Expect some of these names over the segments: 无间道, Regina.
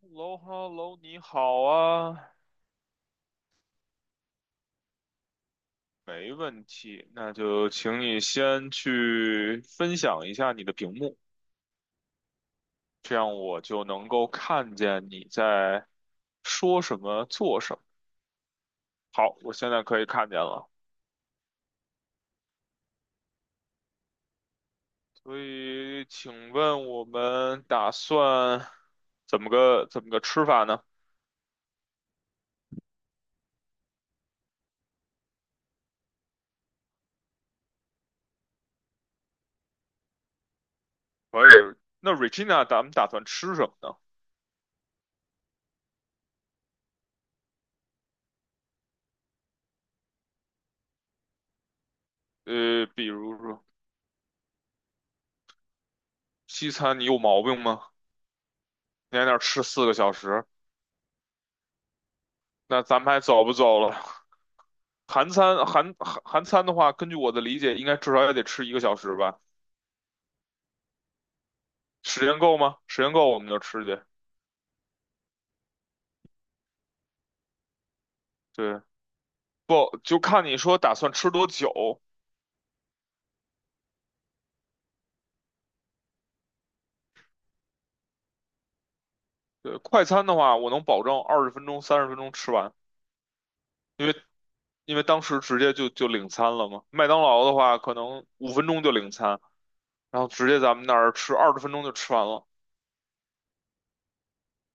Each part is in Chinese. Hello,Hello,你好啊。没问题。那就请你先去分享一下你的屏幕，这样我就能够看见你在说什么、做什么。好，我现在可以看见了。所以，请问我们打算怎么个吃法呢？可以。那 Regina，咱们打算吃什么呢？比如说西餐，你有毛病吗？你在那儿吃4个小时，那咱们还走不走了？韩餐韩餐的话，根据我的理解，应该至少也得吃一个小时吧？时间够吗？时间够我们就吃去。对，不就看你说打算吃多久。对，快餐的话，我能保证二十分钟、三十分钟吃完，因为因为当时直接就领餐了嘛。麦当劳的话，可能5分钟就领餐，然后直接咱们那儿吃二十分钟就吃完了。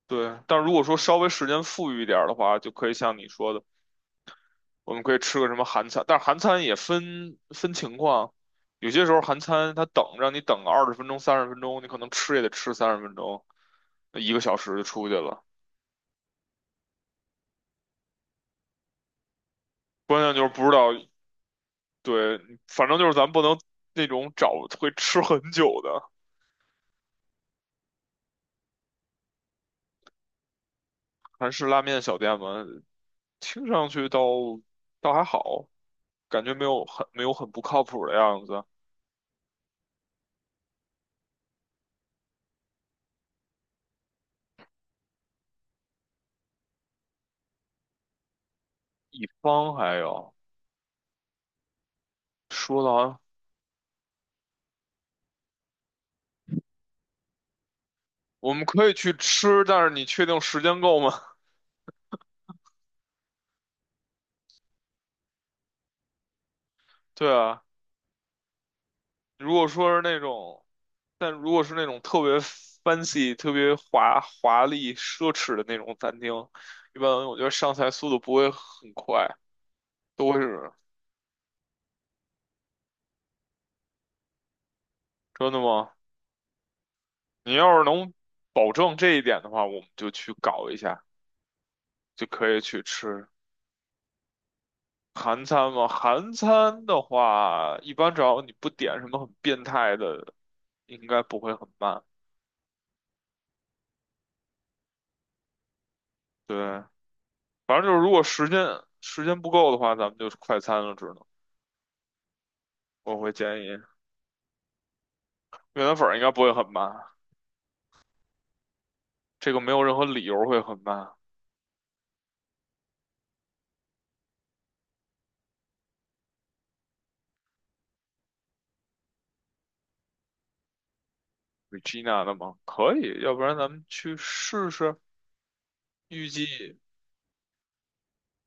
对，但如果说稍微时间富裕一点儿的话，就可以像你说的，我们可以吃个什么韩餐，但是韩餐也分情况，有些时候韩餐他让你等个二十分钟、三十分钟，你可能吃也得吃三十分钟，一个小时就出去了。关键就是不知道，对，反正就是咱不能那种找会吃很久的韩式拉面小店嘛，听上去倒还好，感觉没有很不靠谱的样子。一方还有说的好像我们可以去吃，但是你确定时间够吗？对啊。如果说是那种，但如果是那种特别 fancy、特别华丽、奢侈的那种餐厅，一般我觉得上菜速度不会很快，都会是真的吗？你要是能保证这一点的话，我们就去搞一下，就可以去吃韩餐嘛。韩餐的话，一般只要你不点什么很变态的，应该不会很慢。对，反正就是如果时间不够的话，咱们就是快餐了，只能我会建议。越南粉儿应该不会很慢，这个没有任何理由会很慢。Regina 的吗？可以，要不然咱们去试试。预计，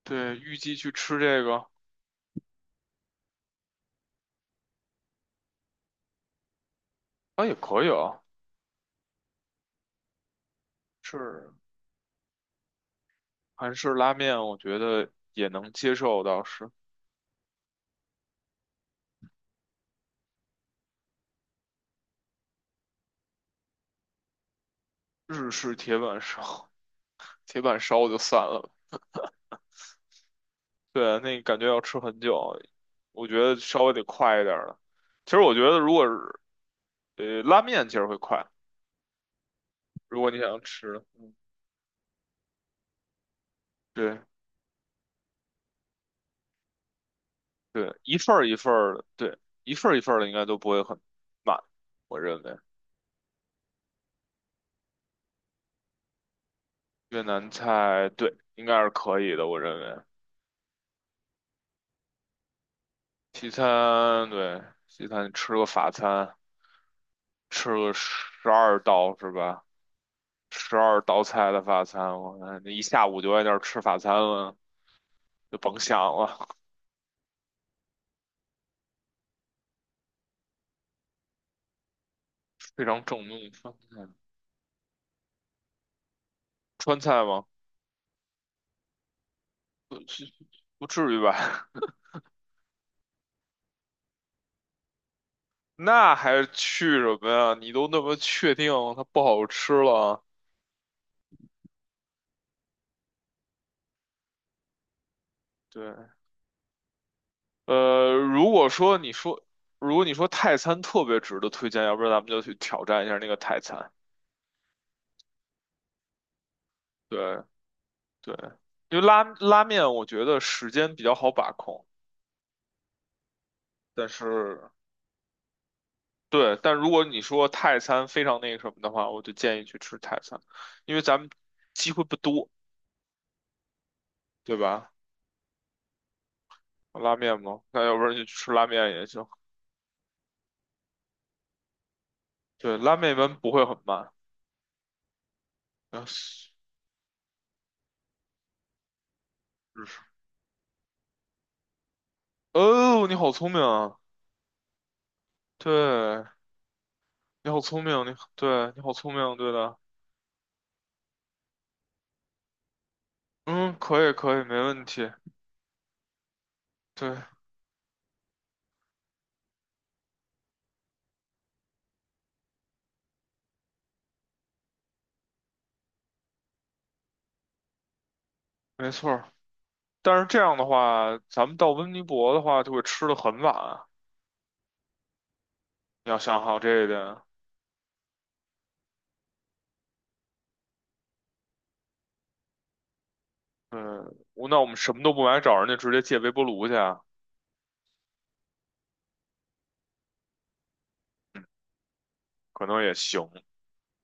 对，预计去吃这个，啊，也可以啊。是韩式拉面，我觉得也能接受，倒是日式铁板烧，铁板烧就算了。对，那感觉要吃很久，我觉得稍微得快一点儿了。其实我觉得，如果是拉面，其实会快，如果你想要吃，对。对，一份儿一份儿的，对，一份儿一份儿的应该都不会很慢，我认为越南菜对应该是可以的，我认为西餐对西餐你吃个法餐，吃个十二道是吧？十二道菜的法餐，我看那一下午就在那儿吃法餐了，就甭想了，非常正宗的川菜。川菜吗？不不至于吧？那还去什么呀？你都那么确定它不好吃了，对。如果说你说，如果你说泰餐特别值得推荐，要不然咱们就去挑战一下那个泰餐。对对，因为拉面，我觉得时间比较好把控，但是对，但如果你说泰餐非常那个什么的话，我就建议去吃泰餐，因为咱们机会不多，对吧？拉面嘛，那要不然就吃拉面也行。对，拉面一般不会很慢。啊，是是哦，你好聪明啊！对，你好聪明，你对，你好聪明，对的。嗯，可以可以，没问题。对，没错儿。但是这样的话，咱们到温尼伯的话就会吃的很晚啊。你要想好这一点。嗯，我那我们什么都不买，找人家直接借微波炉去啊可能也行。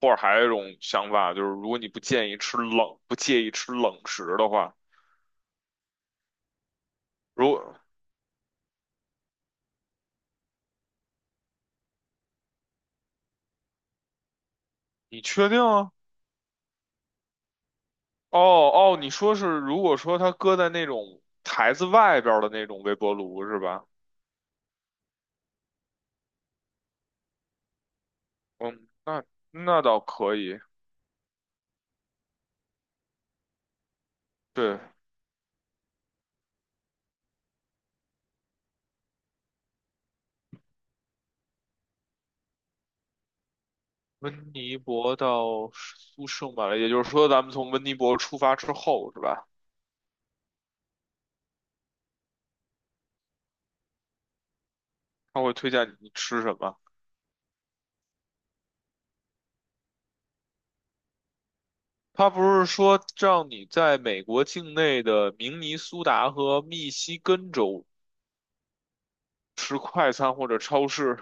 或者还有一种想法就是，如果你不建议吃冷，不介意吃冷食的话，如果你确定啊？哦哦，你说是如果说它搁在那种台子外边儿的那种微波炉是吧？嗯，那那倒可以。对，温尼伯到苏圣马力，也就是说，咱们从温尼伯出发之后，是吧？他会推荐你吃什么？他不是说让你在美国境内的明尼苏达和密西根州吃快餐或者超市？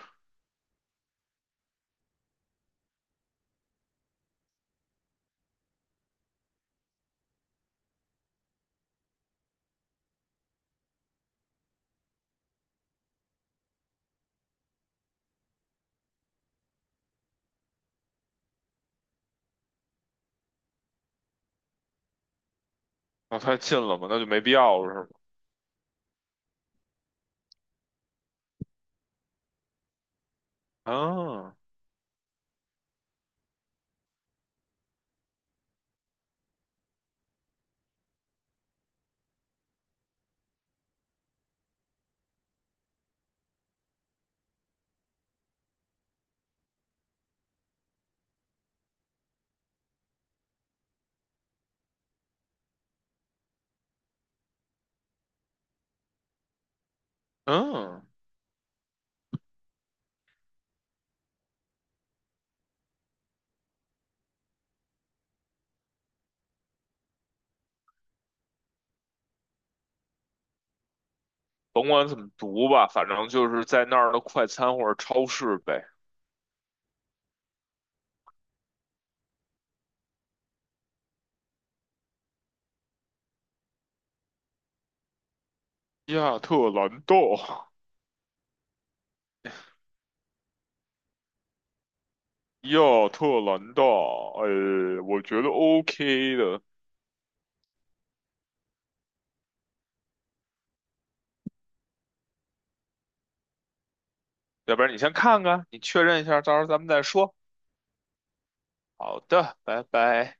那太近了嘛，那就没必要了，是吗？啊，嗯，甭管怎么读吧，反正就是在那儿的快餐或者超市呗。亚特兰大，亚特兰大，哎，我觉得 OK 的。要不然你先看看，你确认一下，到时候咱们再说。好的，拜拜。